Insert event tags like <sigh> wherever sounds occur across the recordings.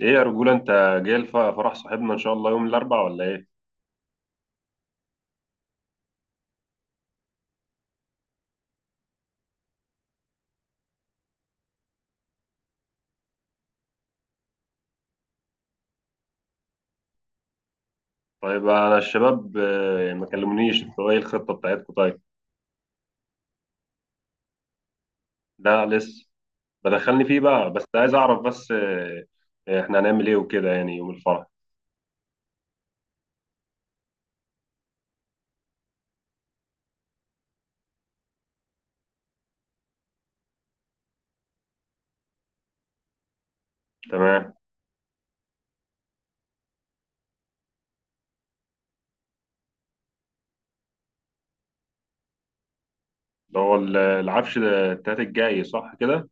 ايه يا رجولة انت، جاي فرح صاحبنا ان شاء الله يوم الاربعاء ولا ايه؟ طيب انا الشباب ما كلمونيش، انتوا ايه الخطة بتاعتكم طيب؟ لا لسه. بدخلني فيه بقى بس عايز اعرف بس احنا هنعمل ايه وكده يعني يوم الفرح. تمام. ده هو العفش ده التلات الجاي صح كده؟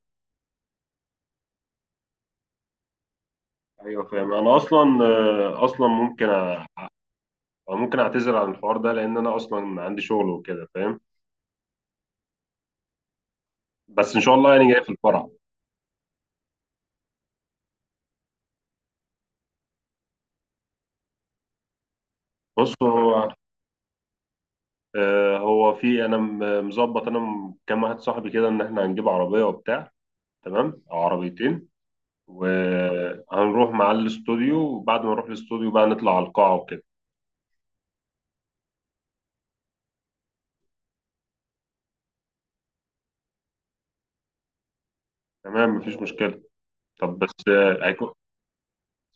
ايوه فاهم. انا اصلا ممكن ممكن اعتذر عن الحوار ده، لان انا اصلا عندي شغل وكده، فاهم؟ بس ان شاء الله يعني جاي في الفرح. بصوا، هو في انا مظبط انا كام واحد صاحبي كده ان احنا هنجيب عربيه وبتاع. تمام او عربيتين. وهنروح مع الاستوديو، وبعد ما نروح الاستوديو بقى نطلع على القاعه وكده. تمام مفيش مشكله. طب بس هيكون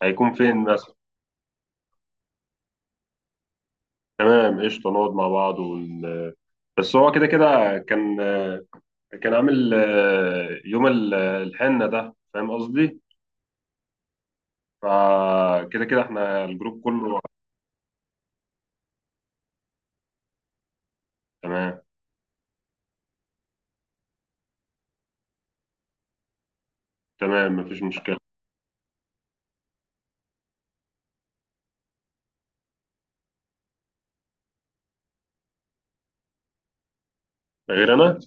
هيكون فين مثلا؟ تمام قشطه، نقعد مع بعض ون... آه، بس هو كده كده كان عامل يوم الحنه، ده فاهم قصدي. فكده كده احنا الجروب كله. تمام. تمام مفيش مشكله. غير انا.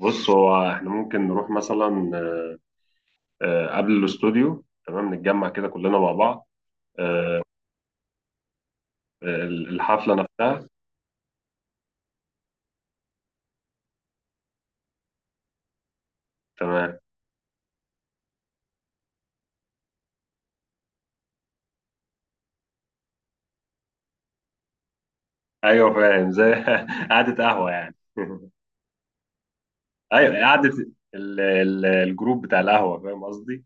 بص، هو احنا ممكن نروح مثلا قبل الاستوديو، تمام نتجمع كده كلنا مع بعض. آه، الحفلة نفسها. تمام. ايوه فاهم، زي <laughs> قعدة قهوة يعني. <laughs> ايوه قعدة الجروب بتاع القهوة، فاهم قصدي.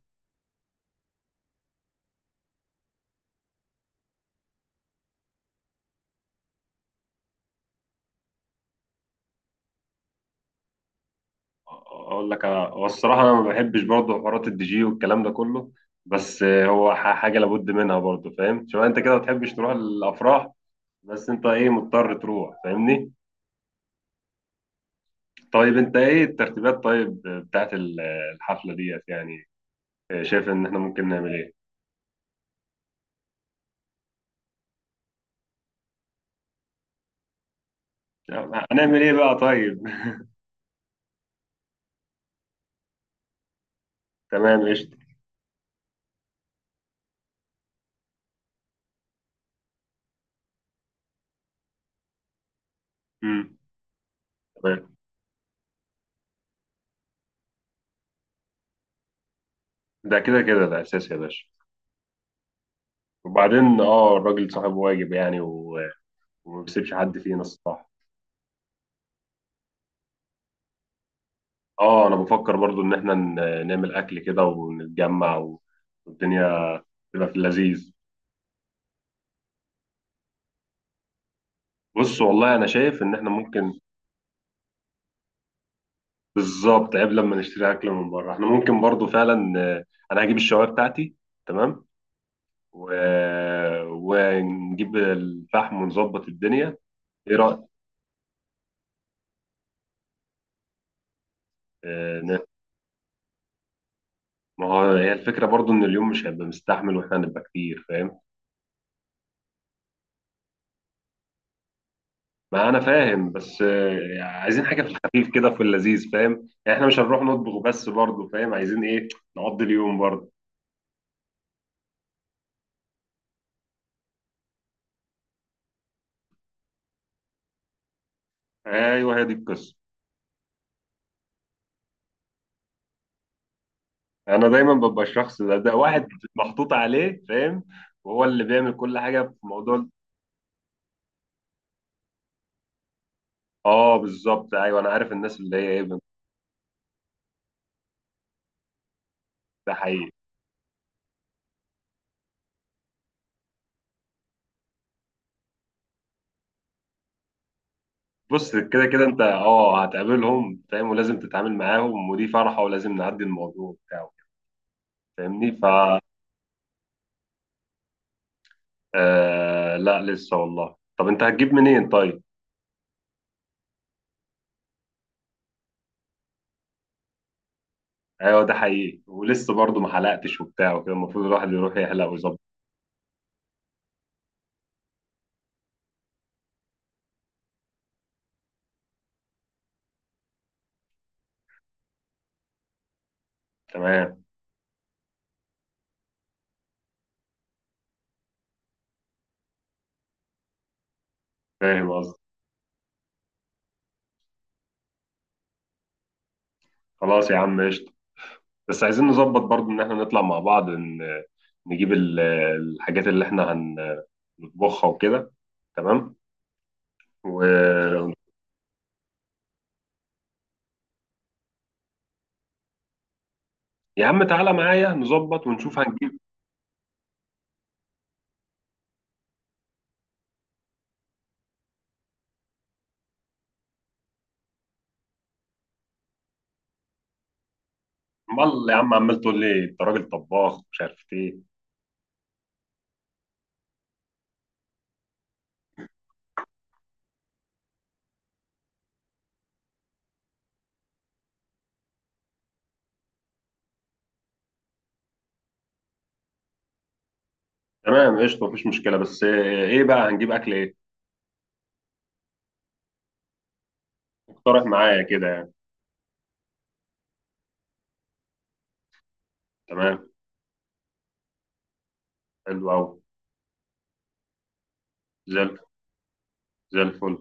اقول لك، انا هو الصراحة انا ما بحبش برضه حوارات الدي جي والكلام ده كله. بس هو حاجة لابد منها برضه. فاهم، شوف انت كده ما بتحبش تروح الافراح. بس انت ايه مضطر تروح، فاهمني. طيب انت ايه الترتيبات طيب بتاعت الحفلة ديت يعني؟ شايف ان احنا ممكن نعمل ايه؟ هنعمل ايه بقى طيب؟ <laughs> تمام قشطة. مم. تمام. ده كده كده ده اساسي يا باشا. وبعدين اه الراجل صاحب واجب يعني، وما بيسيبش حد فينا الصراحة. اه، انا بفكر برضو ان احنا نعمل اكل كده ونتجمع، والدنيا تبقى في اللذيذ. بص، والله انا شايف ان احنا ممكن. بالظبط، عيب لما نشتري اكل من بره، احنا ممكن برضو فعلا انا هجيب الشوايه بتاعتي. تمام. و... ونجيب الفحم ونظبط الدنيا. ايه رأيك؟ آه، ن- ما هو هي الفكرة برضو ان اليوم مش هيبقى مستحمل واحنا هنبقى كتير، فاهم؟ ما انا فاهم، بس عايزين حاجة في الخفيف كده في اللذيذ، فاهم؟ يعني احنا مش هنروح نطبخ بس برضو، فاهم؟ عايزين ايه؟ نقضي اليوم برضو. ايوه، هي دي القصة. انا دايما ببقى الشخص ده واحد محطوط عليه، فاهم؟ وهو اللي بيعمل كل حاجة في موضوع. اه، بالظبط، ايوه انا عارف الناس اللي هي ايه. ده حقيقي. بص، كده كده انت اه هتقابلهم، فاهم، ولازم تتعامل معاهم، ودي فرحة ولازم نعدي الموضوع بتاعه. فاهمني آه، لا لسه والله. طب انت هتجيب منين طيب؟ ايوه، ده حقيقي، ولسه برضه ما حلقتش وبتاع وكده، المفروض الواحد يروح يحلق ويظبط. تمام. فاهم قصدي. خلاص يا عم قشطة. بس عايزين نظبط برضه ان احنا نطلع مع بعض، نجيب الحاجات اللي احنا هنطبخها وكده. تمام. و يا عم تعالى معايا نظبط ونشوف هنجيب. امال يا عم، عمال تقول لي انت راجل طباخ مش عارف ايه. تمام قشطه مفيش مشكله، بس ايه بقى هنجيب اكل ايه؟ اقترح معايا كده يعني. تمام، حلو قوي. زي الف- زي الفل.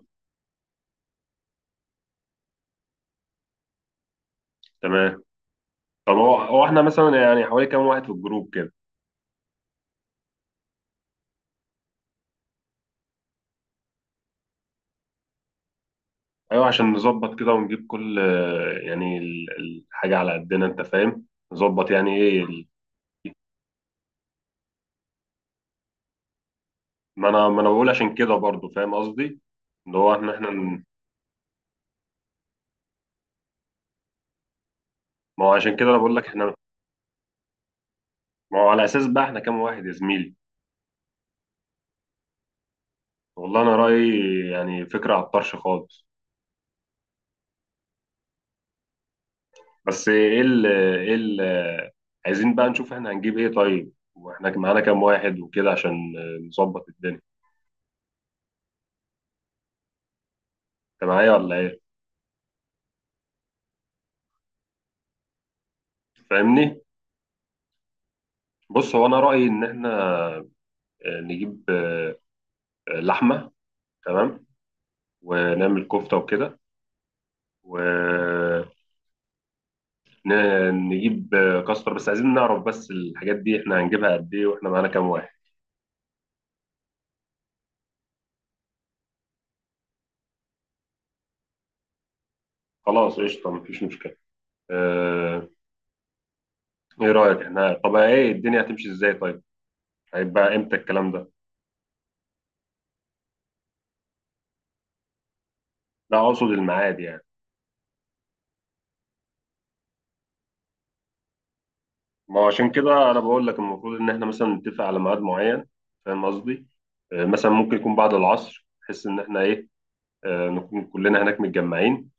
تمام. طب هو احنا مثلا يعني حوالي كام واحد في الجروب كده؟ ايوه، عشان نظبط كده ونجيب كل يعني الحاجه على قدنا، انت فاهم. نظبط يعني ايه ما انا بقول عشان كده برضو، فاهم قصدي. اللي هو احنا. ما هو عشان كده انا بقول لك احنا. ما هو على اساس بقى احنا كام واحد يا زميلي؟ والله انا رايي، يعني فكره على الطرش خالص. بس ايه ال ايه ال عايزين بقى نشوف احنا هنجيب ايه طيب، واحنا معانا كام واحد وكده، عشان نظبط الدنيا. انت معايا ولا ايه؟ فاهمني. بص، هو انا رايي ان احنا نجيب لحمه. تمام. ونعمل كفته وكده. ونجيب كاستر، بس عايزين نعرف بس الحاجات دي احنا هنجيبها قد ايه واحنا معانا كام واحد؟ خلاص قشطه مفيش مشكله. آه، ايه رأيك احنا، طب ايه الدنيا هتمشي ازاي طيب؟ هيبقى امتى الكلام ده؟ لا، اقصد الميعاد يعني. ما هو عشان كده انا بقول لك المفروض ان احنا مثلا نتفق على ميعاد معين، فاهم قصدي. مثلا ممكن يكون بعد العصر بحيث ان احنا ايه، نكون كلنا هناك متجمعين.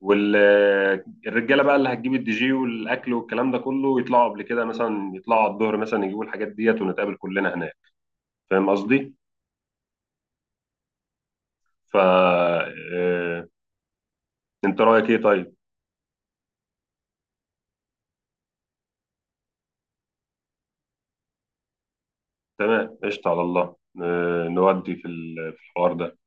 والرجاله بقى اللي هتجيب الدي جي والاكل والكلام ده كله يطلعوا قبل كده، مثلا يطلعوا على الظهر، مثلا يجيبوا الحاجات ديت ونتقابل كلنا هناك. فاهم قصدي. فا آه، انت رأيك ايه طيب؟ تمام قشطة على الله. نودي في الحوار ده.